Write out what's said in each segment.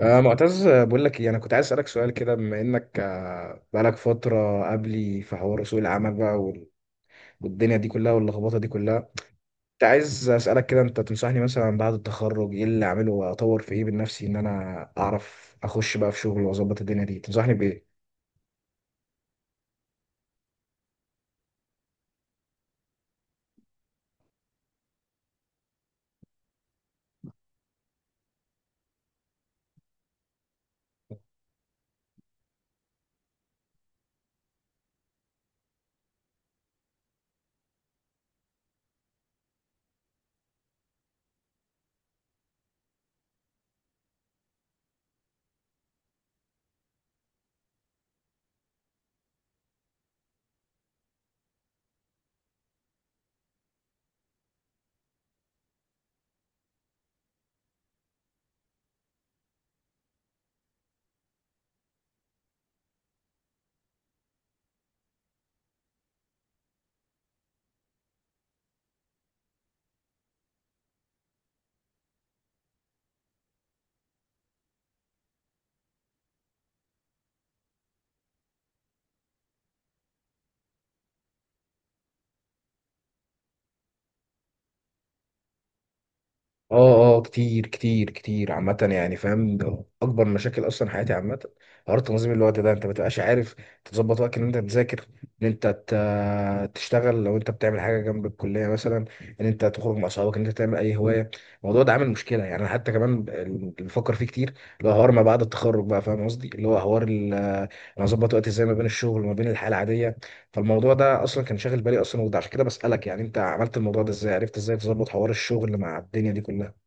آه معتز، بقول لك إيه، انا كنت عايز اسالك سؤال كده بما انك بقالك فتره قبلي في حوار سوق العمل بقى والدنيا دي كلها واللخبطه دي كلها. كنت عايز اسالك كده، انت تنصحني مثلا بعد التخرج ايه اللي اعمله واطور في ايه من نفسي ان انا اعرف اخش بقى في شغل واظبط الدنيا دي، تنصحني بايه؟ اه، اه، كتير كتير كتير عامة، يعني فاهم ده أكبر مشاكل أصلا حياتي عامة. حوار تنظيم الوقت ده أنت ما بتبقاش عارف تظبط وقتك إن أنت تذاكر، إن أنت تشتغل لو أنت بتعمل حاجة جنب الكلية مثلا، إن أنت تخرج مع أصحابك، إن أنت تعمل أي هواية. الموضوع ده عامل مشكلة. يعني أنا حتى كمان اللي بفكر فيه كتير اللي هو حوار ما بعد التخرج بقى، فاهم قصدي، اللي هو حوار أنا أظبط وقتي إزاي ما بين الشغل وما بين الحياة العادية. فالموضوع ده أصلا كان شاغل بالي أصلا، وده عشان كده بسألك. يعني أنت عملت الموضوع ده إزاي؟ عرفت إزاي تظبط حوار الشغل مع الدنيا دي كلها؟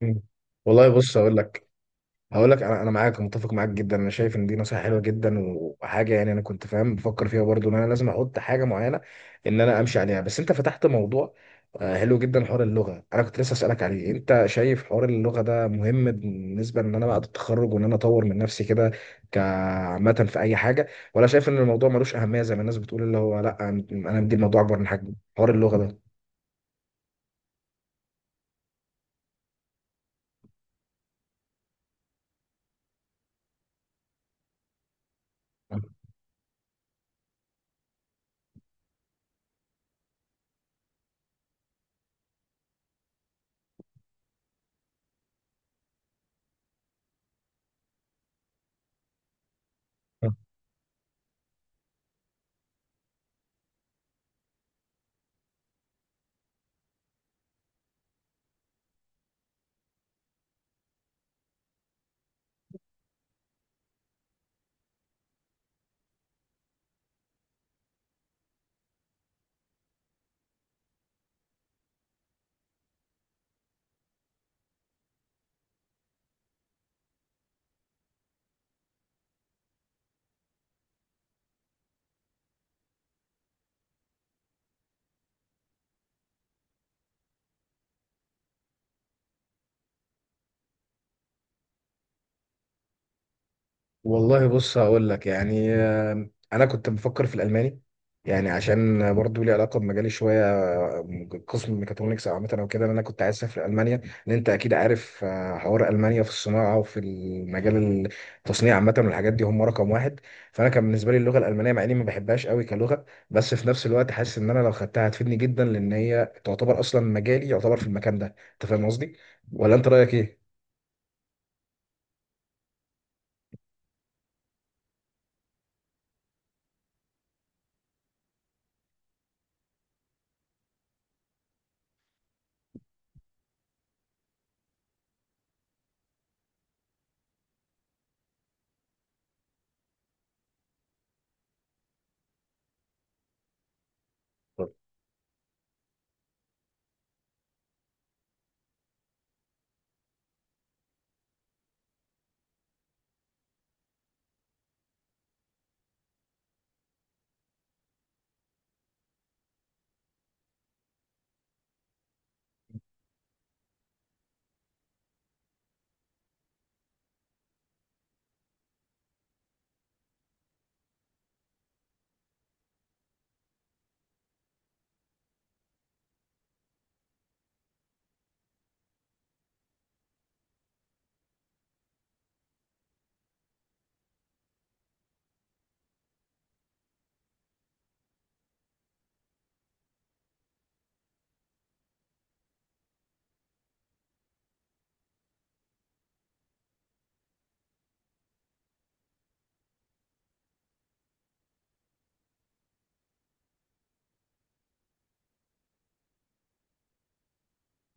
مم. والله بص، هقول لك، انا معاك، متفق معاك جدا. انا شايف ان دي نصيحه حلوه جدا وحاجه، يعني انا كنت فاهم بفكر فيها برضو ان انا لازم احط حاجه معينه ان انا امشي عليها. بس انت فتحت موضوع حلو جدا، حوار اللغه. انا كنت لسه اسالك عليه، انت شايف حوار اللغه ده مهم بالنسبه ان انا بعد التخرج وان انا اطور من نفسي كده، كعامه في اي حاجه؟ ولا شايف ان الموضوع ملوش اهميه زي ما الناس بتقول، اللي هو لا، انا مدي الموضوع اكبر من حجمه، حوار اللغه ده؟ والله بص، هقول لك، يعني انا كنت بفكر في الالماني، يعني عشان برضو لي علاقه بمجالي شويه، قسم ميكاترونكس او عامه او كده. إن انا كنت عايز اسافر المانيا لان انت اكيد عارف حوار المانيا في الصناعه وفي المجال، التصنيع عامه والحاجات دي، هم رقم واحد. فانا كان بالنسبه لي اللغه الالمانيه، مع اني ما بحبهاش قوي كلغه، بس في نفس الوقت حاسس ان انا لو خدتها هتفيدني جدا، لان هي تعتبر اصلا مجالي يعتبر في المكان ده. انت فاهم قصدي؟ ولا انت رايك ايه؟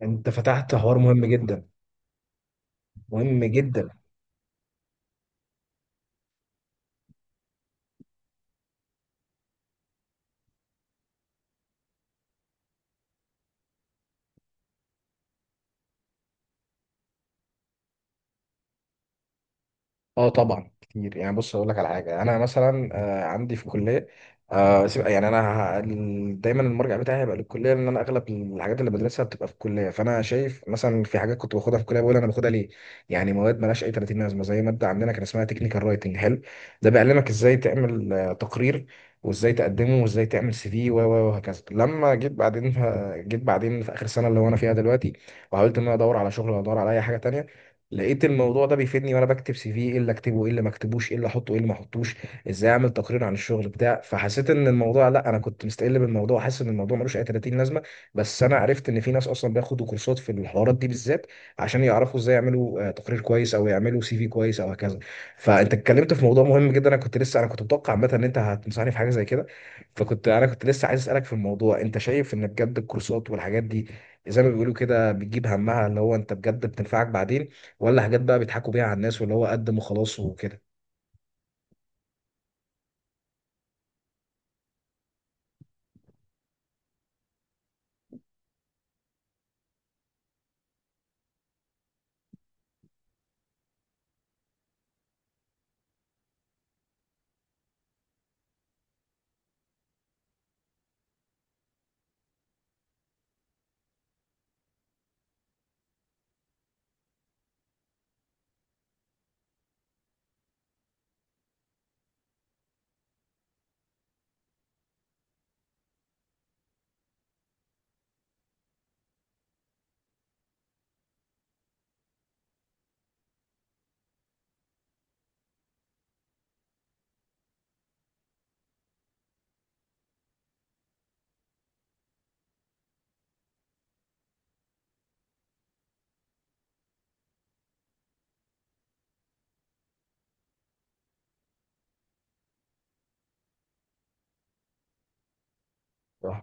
انت فتحت حوار مهم جدا، مهم جدا. اه طبعا كتير. يعني بص، اقول لك على حاجه، انا مثلا عندي في الكليه يعني انا دايما المرجع بتاعي هيبقى للكليه، لان انا اغلب الحاجات اللي بدرسها بتبقى في الكليه. فانا شايف مثلا في حاجات كنت باخدها في الكليه بقول انا باخدها ليه، يعني مواد مالهاش اي 30 لازمه، زي ماده عندنا كان اسمها تكنيكال رايتنج. حلو، ده بيعلمك ازاي تعمل تقرير، وازاي تقدمه، وازاي تعمل سي في، وهكذا. لما جيت بعدين، جيت بعدين في اخر سنه اللي هو انا فيها دلوقتي وحاولت ان انا ادور على شغل ولا ادور على اي حاجه تانية، لقيت الموضوع ده بيفيدني وانا بكتب سي في، ايه اللي اكتبه، ايه اللي ما اكتبوش، ايه اللي احطه، ايه اللي ما احطوش، ازاي اعمل تقرير عن الشغل بتاع. فحسيت ان الموضوع، لا، انا كنت مستقل بالموضوع، حاسس ان الموضوع ملوش اي 30 لازمه، بس انا عرفت ان في ناس اصلا بياخدوا كورسات في الحوارات دي بالذات عشان يعرفوا ازاي يعملوا تقرير كويس او يعملوا سي في كويس او هكذا. فانت اتكلمت في موضوع مهم جدا، انا كنت لسه، انا كنت متوقع عامه ان انت هتنصحني في حاجه زي كده. فكنت، انا كنت لسه عايز اسالك في الموضوع، انت شايف ان بجد الكورسات والحاجات دي زي ما بيقولوا كده بتجيب همها، اللي هو انت بجد بتنفعك بعدين؟ ولا حاجات بقى بيضحكوا بيها على الناس واللي هو قدم وخلاص وكده؟ صح.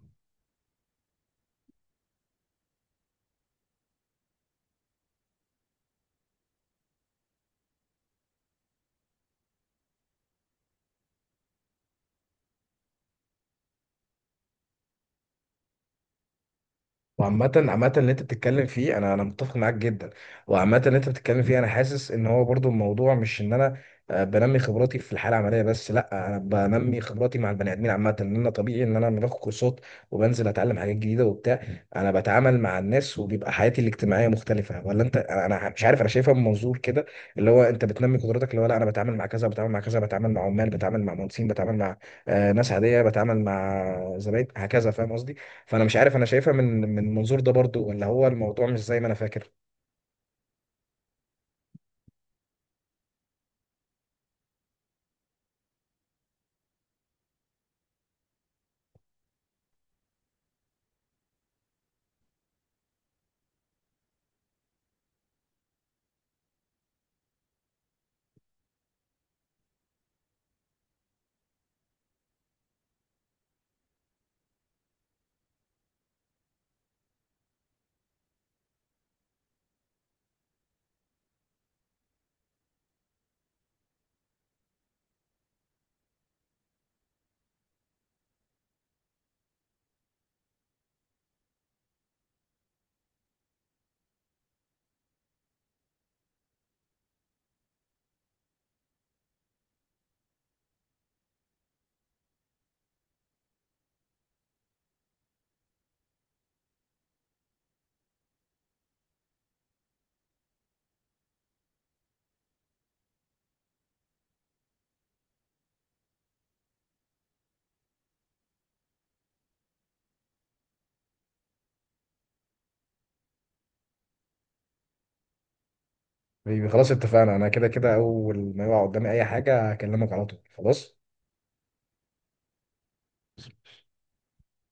وعامة، اللي انت بتتكلم فيه انا، متفق معاك جدا. وعامة اللي انت بتتكلم فيه انا حاسس ان هو برضو الموضوع مش ان انا بنمي خبراتي في الحالة العملية بس، لا، انا بنمي خبراتي مع البني ادمين عامة. ان انا طبيعي ان انا لما باخد كورسات وبنزل اتعلم حاجات جديدة وبتاع، انا بتعامل مع الناس، وبيبقى حياتي الاجتماعية مختلفة. ولا انت، انا مش عارف، انا شايفها من منظور كده اللي هو انت بتنمي قدراتك، اللي هو لا، انا بتعامل مع كذا، بتعامل مع كذا، بتعامل مع عمال، بتعامل مع مهندسين، بتعامل مع ناس عادية، بتعامل مع زباين، هكذا. فاهم قصدي؟ فانا مش عارف، انا شايفها من المنظور ده برضو، ولا هو الموضوع مش زي ما انا فاكر؟ بيبي، خلاص اتفقنا، انا كده كده اول ما يقع قدامي اي حاجه هكلمك على طول، خلاص.